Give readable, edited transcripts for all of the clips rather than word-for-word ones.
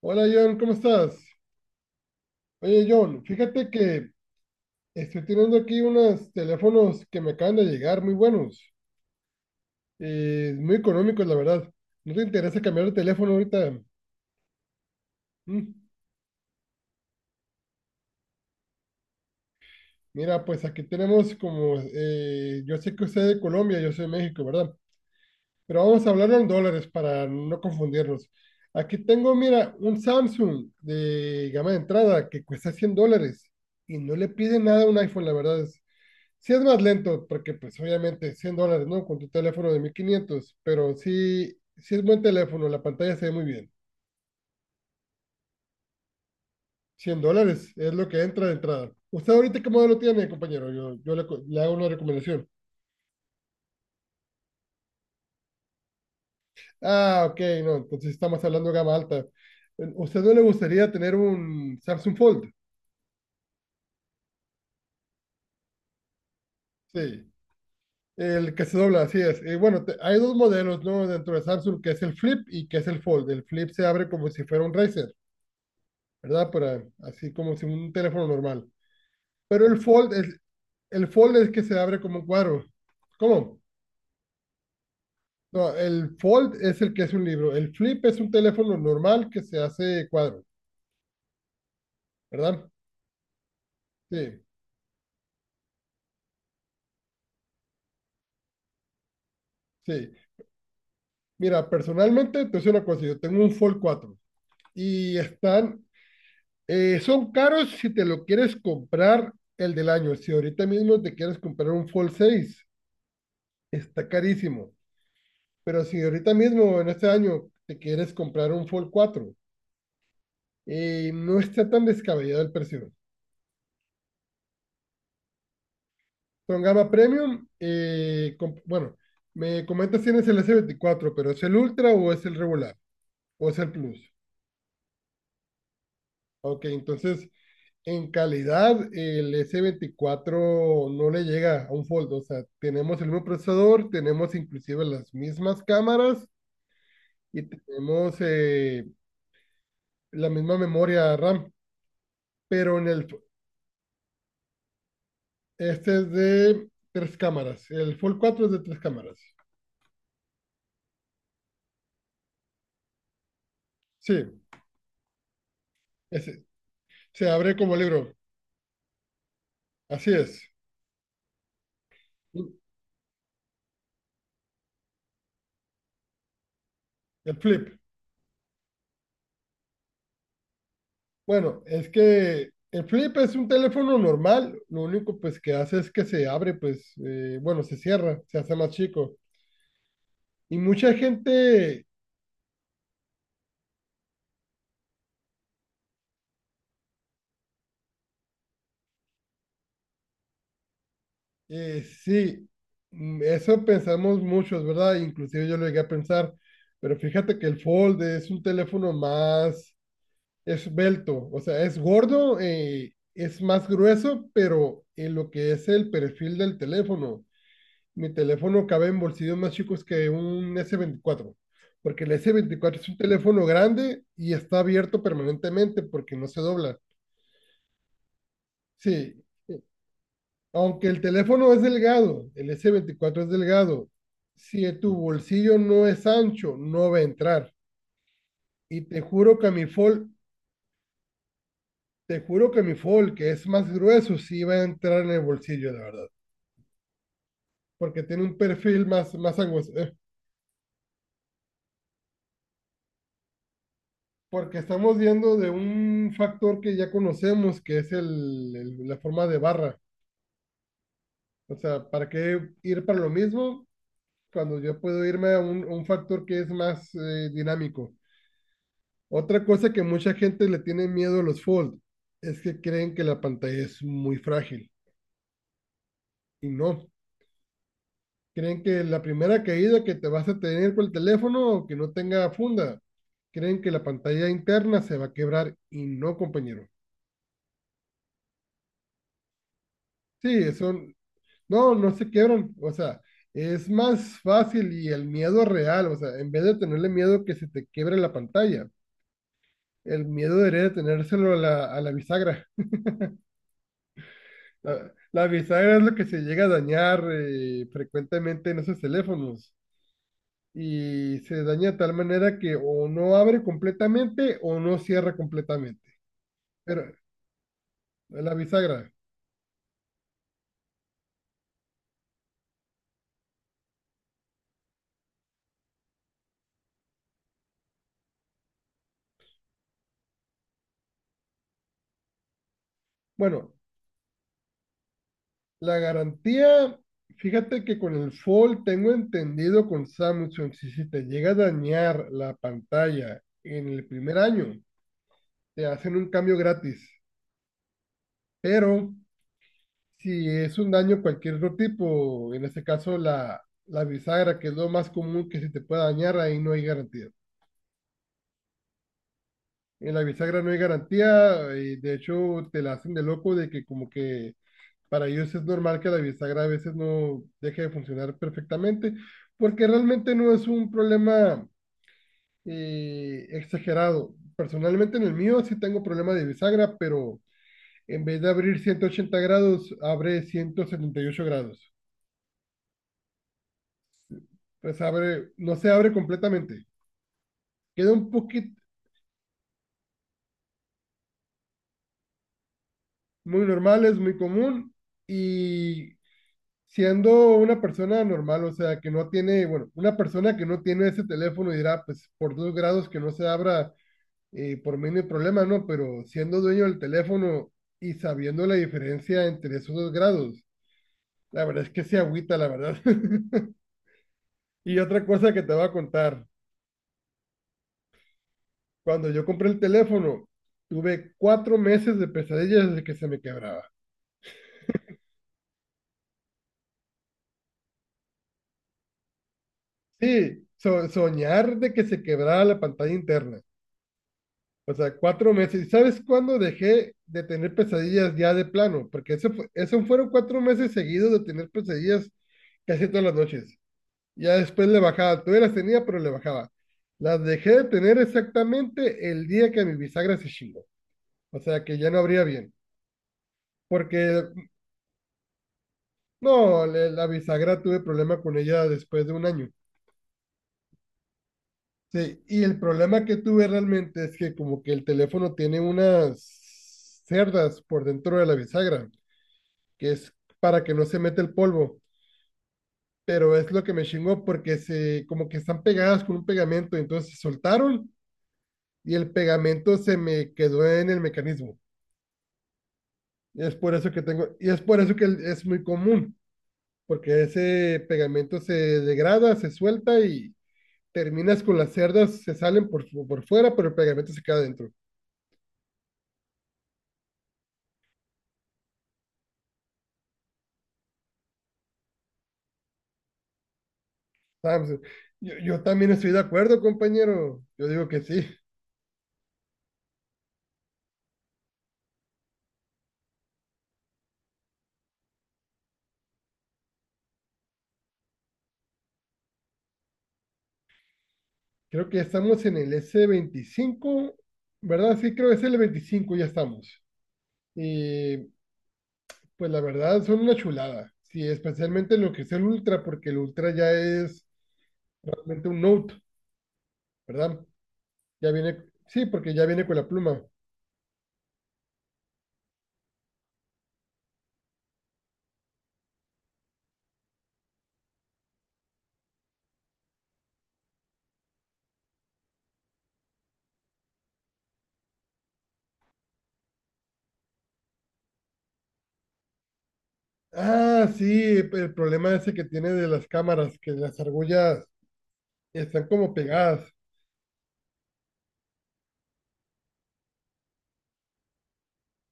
Hola John, ¿cómo estás? Oye John, fíjate que estoy teniendo aquí unos teléfonos que me acaban de llegar, muy buenos, muy económicos la verdad. ¿No te interesa cambiar de teléfono ahorita? Mm, Mira, pues aquí tenemos como, yo sé que usted es de Colombia, yo soy de México, ¿verdad? Pero vamos a hablarlo en dólares para no confundirnos. Aquí tengo, mira, un Samsung de gama de entrada que cuesta $100 y no le pide nada a un iPhone, la verdad. Sí es más lento, porque pues obviamente $100, ¿no? Con tu teléfono de 1.500, pero sí, sí es buen teléfono, la pantalla se ve muy bien. $100 es lo que entra de entrada. ¿Usted ahorita qué modelo tiene, compañero? Yo le hago una recomendación. Ah, ok, no, entonces estamos hablando de gama alta. ¿Usted no le gustaría tener un Samsung Fold? Sí, el que se dobla, así es. Y bueno, hay dos modelos, ¿no? Dentro de Samsung, que es el Flip y que es el Fold. El Flip se abre como si fuera un Razer, ¿verdad? Para, así como si un teléfono normal. Pero el fold es que se abre como un cuadro. ¿Cómo? No, el fold es el que es un libro. El flip es un teléfono normal que se hace cuadro, ¿verdad? Sí, sí. Mira, personalmente, te soy una cosa, yo tengo un Fold 4 y son caros si te lo quieres comprar el del año. Si ahorita mismo te quieres comprar un Fold 6 está carísimo. Pero si ahorita mismo, en este año, te quieres comprar un Fold 4, no está tan descabellado el precio. Son gama premium. Bueno, me comentas si tienes el S24, pero ¿es el Ultra o es el regular? ¿O es el Plus? Ok, entonces en calidad el S24 no le llega a un Fold. O sea, tenemos el mismo procesador, tenemos inclusive las mismas cámaras y tenemos la misma memoria RAM, pero en el este es de tres cámaras. El Fold 4 es de tres cámaras. Sí, ese se abre como libro. Así es. El flip. Bueno, es que el flip es un teléfono normal, lo único pues que hace es que se abre, pues, bueno, se cierra, se hace más chico. Y mucha gente, sí, eso pensamos muchos, ¿verdad? Inclusive yo lo llegué a pensar, pero fíjate que el Fold es un teléfono más esbelto, o sea, es gordo, es más grueso, pero en lo que es el perfil del teléfono, mi teléfono cabe en bolsillos más chicos que un S24, porque el S24 es un teléfono grande y está abierto permanentemente porque no se dobla. Sí, aunque el teléfono es delgado, el S24 es delgado, si tu bolsillo no es ancho, no va a entrar. Y te juro que mi Fold, que es más grueso, sí va a entrar en el bolsillo, la verdad, porque tiene un perfil más angosto. Porque estamos viendo de un factor que ya conocemos, que es la forma de barra. O sea, ¿para qué ir para lo mismo cuando yo puedo irme a un factor que es más dinámico? Otra cosa que mucha gente le tiene miedo a los fold es que creen que la pantalla es muy frágil y no. Creen que la primera caída que te vas a tener con el teléfono, que no tenga funda, creen que la pantalla interna se va a quebrar y no, compañero. Sí, eso. No, no se quiebran, o sea, es más fácil y el miedo real, o sea, en vez de tenerle miedo que se te quiebre la pantalla, el miedo debería de tenérselo a la bisagra. La bisagra es lo que se llega a dañar frecuentemente en esos teléfonos y se daña de tal manera que o no abre completamente o no cierra completamente. Pero la bisagra, bueno. La garantía, fíjate que con el Fold tengo entendido con Samsung, si te llega a dañar la pantalla en el primer año, te hacen un cambio gratis. Pero si es un daño cualquier otro tipo, en este caso la bisagra, que es lo más común que se te pueda dañar, ahí no hay garantía. En la bisagra no hay garantía, y de hecho te la hacen de loco de que como que para ellos es normal que la bisagra a veces no deje de funcionar perfectamente, porque realmente no es un problema exagerado. Personalmente en el mío sí tengo problema de bisagra, pero en vez de abrir 180 grados, abre 178 grados. Pues abre, no se abre completamente. Queda un poquito muy normal, es muy común y siendo una persona normal, o sea, que no tiene, bueno, una persona que no tiene ese teléfono dirá, pues por 2 grados que no se abra y por mí no hay problema, ¿no? Pero siendo dueño del teléfono y sabiendo la diferencia entre esos 2 grados, la verdad es que se agüita, la verdad. Y otra cosa que te voy a contar, cuando yo compré el teléfono, tuve 4 meses de pesadillas de que se me quebraba. Sí, soñar de que se quebraba la pantalla interna. O sea, 4 meses. ¿Y sabes cuándo dejé de tener pesadillas ya de plano? Porque eso fueron 4 meses seguidos de tener pesadillas casi todas las noches. Ya después le bajaba, todavía las tenía, pero le bajaba. Las dejé de tener exactamente el día que mi bisagra se chingó. O sea que ya no abría bien. Porque, no, la bisagra tuve problema con ella después de un año. Sí, y el problema que tuve realmente es que como que el teléfono tiene unas cerdas por dentro de la bisagra, que es para que no se meta el polvo. Pero es lo que me chingó porque como que están pegadas con un pegamento, entonces se soltaron y el pegamento se me quedó en el mecanismo. Es por eso que tengo, y es por eso que es muy común, porque ese pegamento se degrada, se suelta y terminas con las cerdas, se salen por fuera, pero el pegamento se queda dentro. Yo también estoy de acuerdo, compañero. Yo digo que sí. Creo que estamos en el S25, ¿verdad? Sí, creo que es el 25 ya estamos. Y pues la verdad son una chulada. Sí, especialmente lo que es el Ultra, porque el Ultra ya es realmente un note, ¿verdad? Ya viene, sí, porque ya viene con la pluma. Ah, sí, el problema ese que tiene de las cámaras, que las argollas están como pegadas.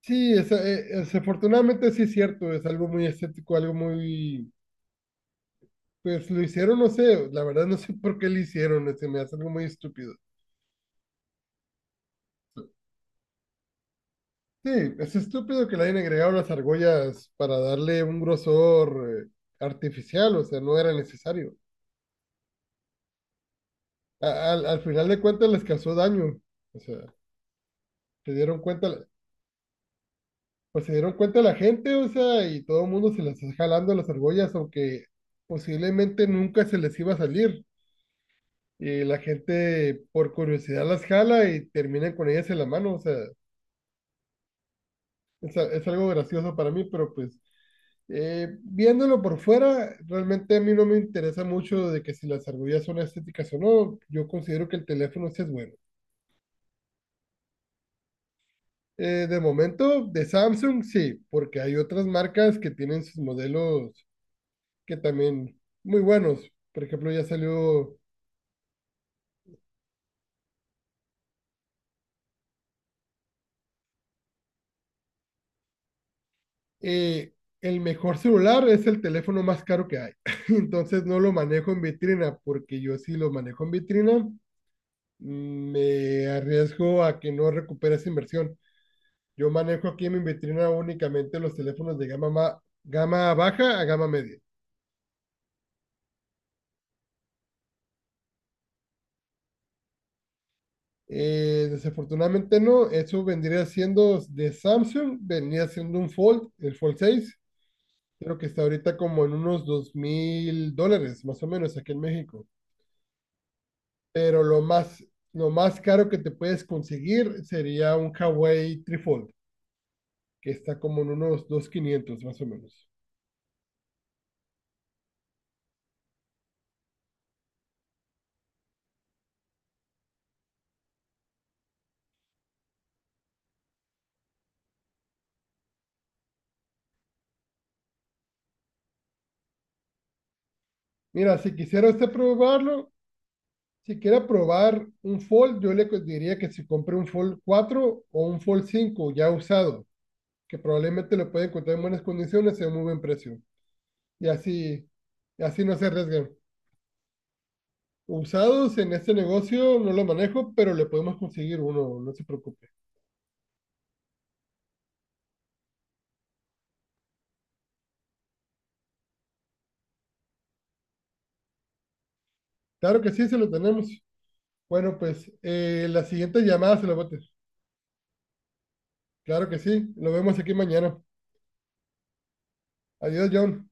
Sí, desafortunadamente sí es cierto, es algo muy estético, algo muy... Pues lo hicieron, no sé, la verdad no sé por qué lo hicieron, se me hace algo muy estúpido. Sí, es estúpido que le hayan agregado las argollas para darle un grosor artificial, o sea, no era necesario. Al final de cuentas les causó daño, o sea, se dieron cuenta, pues se dieron cuenta la gente, o sea, y todo el mundo se las está jalando las argollas, aunque posiblemente nunca se les iba a salir. Y la gente por curiosidad las jala y terminan con ellas en la mano, o sea, es algo gracioso para mí, pero pues viéndolo por fuera, realmente a mí no me interesa mucho de que si las argollas son estéticas o no, yo considero que el teléfono sí es bueno. De momento, de Samsung sí, porque hay otras marcas que tienen sus modelos que también muy buenos. Por ejemplo, ya salió. eh, el mejor celular es el teléfono más caro que hay. Entonces no lo manejo en vitrina porque yo sí lo manejo en vitrina, me arriesgo a que no recupere esa inversión. Yo manejo aquí en mi vitrina únicamente los teléfonos de gama baja a gama media. Desafortunadamente no, eso vendría siendo de Samsung, vendría siendo un Fold, el Fold 6. Creo que está ahorita como en unos $2.000, más o menos, aquí en México. Pero lo más caro que te puedes conseguir sería un Hawaii Trifold, que está como en unos 2.500 más o menos. Mira, si quisiera usted probarlo, si quiere probar un Fold, yo le diría que se compre un Fold 4 o un Fold 5 ya usado, que probablemente lo puede encontrar en buenas condiciones y a un muy buen precio. Y así, y así no se arriesgan. Usados en este negocio no lo manejo, pero le podemos conseguir uno, no se preocupe. Claro que sí, se lo tenemos. Bueno, pues la siguiente llamada se lo bote. Claro que sí, lo vemos aquí mañana. Adiós, John.